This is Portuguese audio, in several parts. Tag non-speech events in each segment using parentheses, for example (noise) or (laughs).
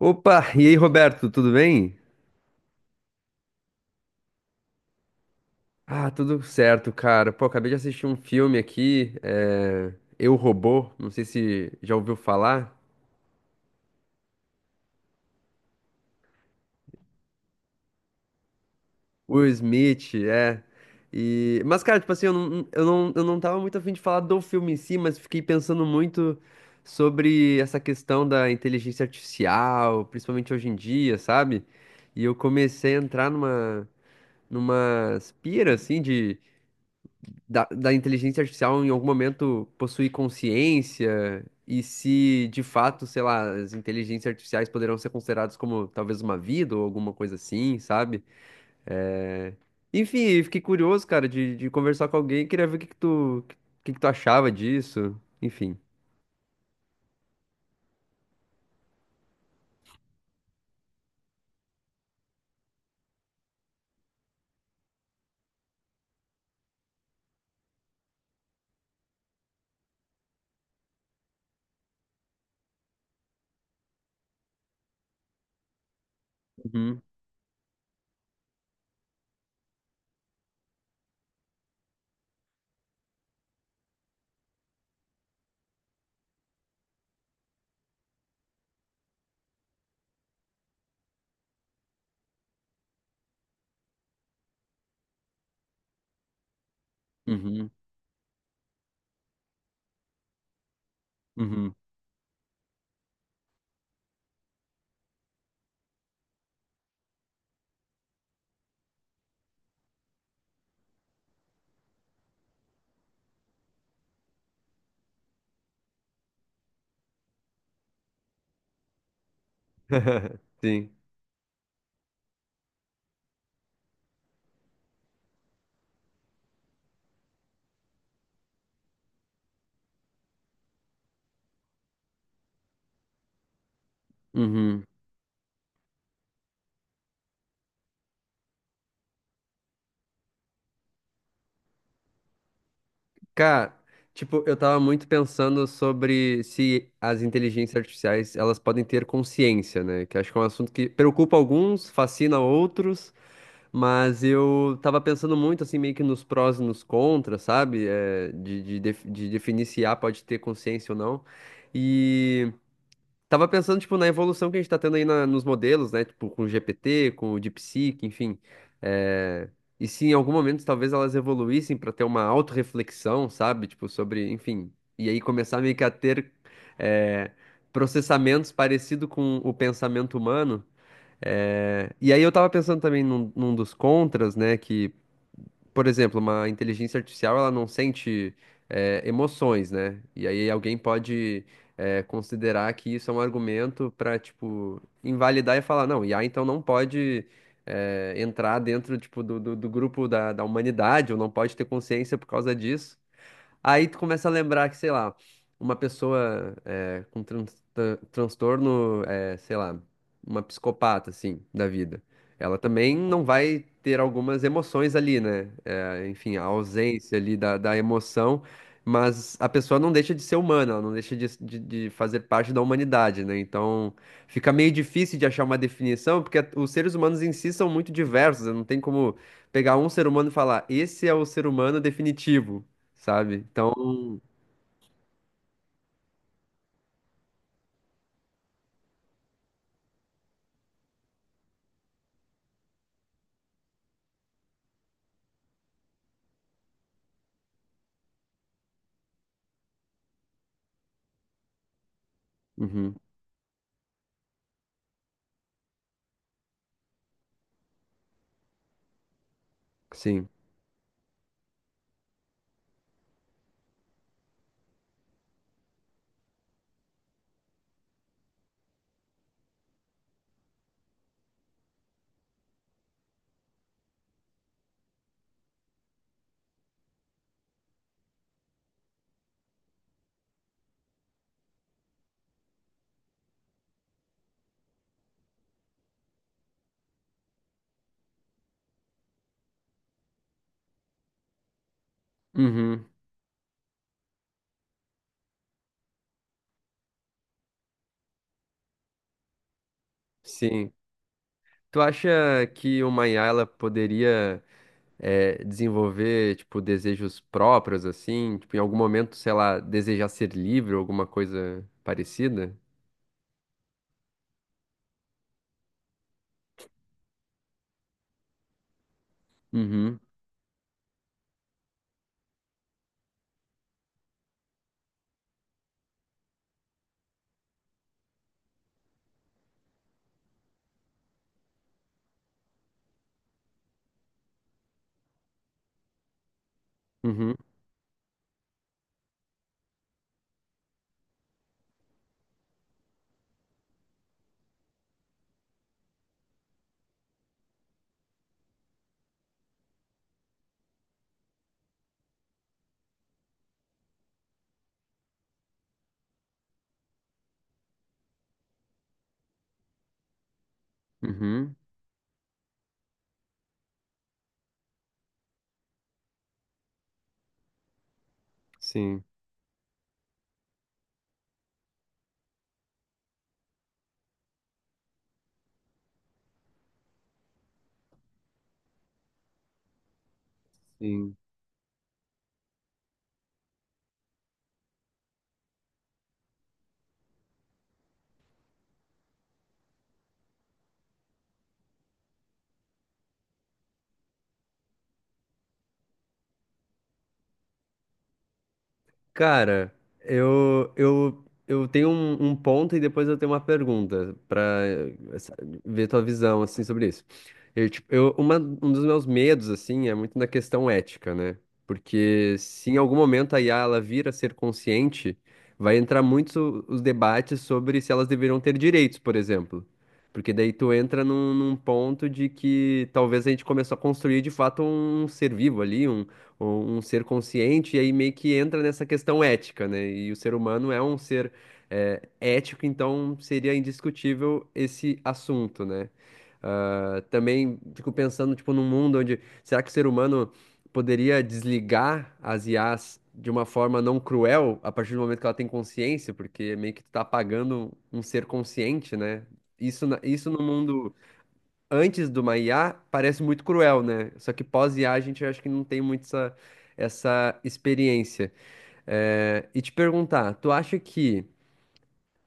Opa, e aí, Roberto, tudo bem? Ah, tudo certo, cara. Pô, acabei de assistir um filme aqui, é... Eu, Robô, não sei se já ouviu falar. Will Smith, é. E... Mas, cara, tipo assim, eu não tava muito afim de falar do filme em si, mas fiquei pensando muito sobre essa questão da inteligência artificial, principalmente hoje em dia, sabe? E eu comecei a entrar numa pira, assim, de da inteligência artificial em algum momento possuir consciência e se de fato, sei lá, as inteligências artificiais poderão ser consideradas como talvez uma vida ou alguma coisa assim, sabe? É, Enfim, eu fiquei curioso, cara, de conversar com alguém, queria ver o que que tu achava disso, enfim. Uhum, uhum, uhum. (laughs) Sim. Uhum. Cara, tipo, eu tava muito pensando sobre se as inteligências artificiais, elas podem ter consciência, né? Que acho que é um assunto que preocupa alguns, fascina outros, mas eu tava pensando muito, assim, meio que nos prós e nos contras, sabe? É, de definir se A pode ter consciência ou não. Tava pensando, tipo, na evolução que a gente tá tendo nos modelos, né? Tipo, com o GPT, com o DeepSeek, enfim. É, E se em algum momento talvez elas evoluíssem para ter uma autorreflexão, sabe? Tipo, sobre, enfim. E aí começar meio que a ter é, processamentos parecido com o pensamento humano. E aí eu tava pensando também num dos contras, né? Que por exemplo, uma inteligência artificial, ela não sente emoções, né? E aí alguém pode considerar que isso é um argumento para, tipo, invalidar e falar, não, IA então não pode entrar dentro, tipo, do grupo da humanidade, ou não pode ter consciência por causa disso. Aí tu começa a lembrar que, sei lá, uma pessoa é, com transtorno, é, sei lá, uma psicopata, assim, da vida. Ela também não vai ter algumas emoções ali, né? É, enfim, a ausência ali da emoção, mas a pessoa não deixa de ser humana, ela não deixa de fazer parte da humanidade, né? Então fica meio difícil de achar uma definição, porque os seres humanos em si são muito diversos, né? Não tem como pegar um ser humano e falar, esse é o ser humano definitivo, sabe? Então, uhum, sim. Uhum, sim. Tu acha que uma IA ela poderia desenvolver, tipo, desejos próprios, assim? Tipo, em algum momento, sei lá, desejar ser livre ou alguma coisa parecida? Uhum, uhum, uhum, sim, sim. Cara, eu tenho um ponto e depois eu tenho uma pergunta pra eh, sa- ver tua visão assim sobre isso. Eu, tipo, eu, uma, Um dos meus medos assim é muito na questão ética, né? Porque se em algum momento a IA ela vir a ser consciente, vai entrar muito os debates sobre se elas deveriam ter direitos, por exemplo. Porque daí tu entra num ponto de que talvez a gente começou a construir de fato um ser vivo ali, um, um ser consciente, e aí meio que entra nessa questão ética, né? E o ser humano é um ser ético, então seria indiscutível esse assunto, né? Ah, também fico pensando, tipo, num mundo onde será que o ser humano poderia desligar as IAs de uma forma não cruel a partir do momento que ela tem consciência, porque meio que tu tá apagando um ser consciente, né? Isso no mundo antes de uma IA parece muito cruel, né? Só que pós-IA a gente acho que não tem muito essa experiência. E te perguntar, tu acha que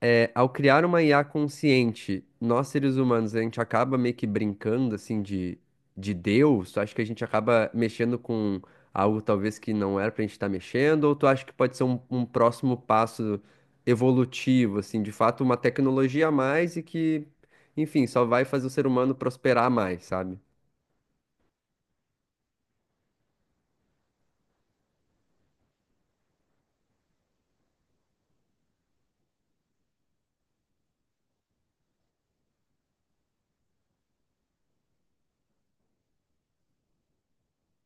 ao criar uma IA consciente, nós seres humanos, a gente acaba meio que brincando assim de Deus? Tu acha que a gente acaba mexendo com algo talvez que não era pra gente estar mexendo? Ou tu acha que pode ser um próximo passo evolutivo, assim, de fato uma tecnologia a mais e que, enfim, só vai fazer o ser humano prosperar mais, sabe?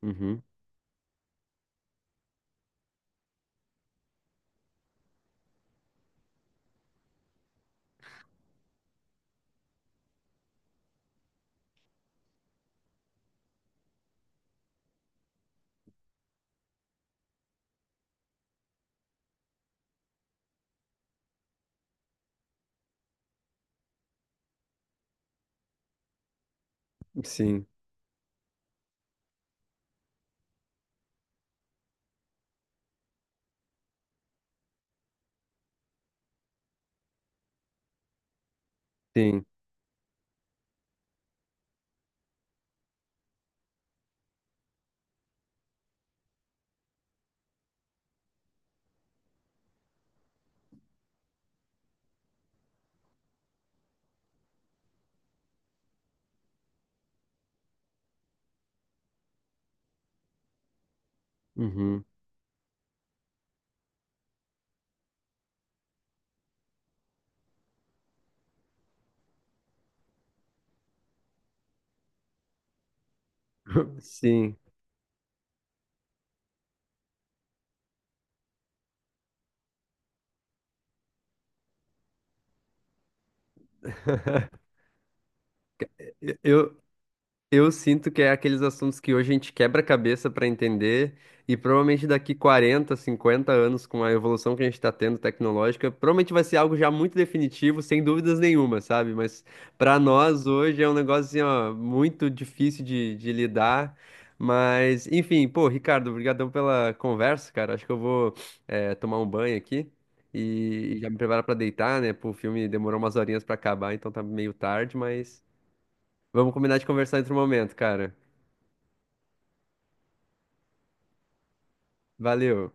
Uhum. Sim, sim, uhum. (laughs) Sim. (laughs) Eu, Eu sinto que é aqueles assuntos que hoje a gente quebra a cabeça para entender, e provavelmente daqui 40, 50 anos, com a evolução que a gente está tendo tecnológica, provavelmente vai ser algo já muito definitivo, sem dúvidas nenhuma, sabe? Mas para nós hoje é um negócio assim, ó, muito difícil de lidar. Mas, enfim, pô, Ricardo, obrigadão pela conversa, cara. Acho que eu vou, tomar um banho aqui e já me preparar para deitar, né? Pô, o filme demorou umas horinhas para acabar, então tá meio tarde, mas. Vamos combinar de conversar em outro momento, cara. Valeu.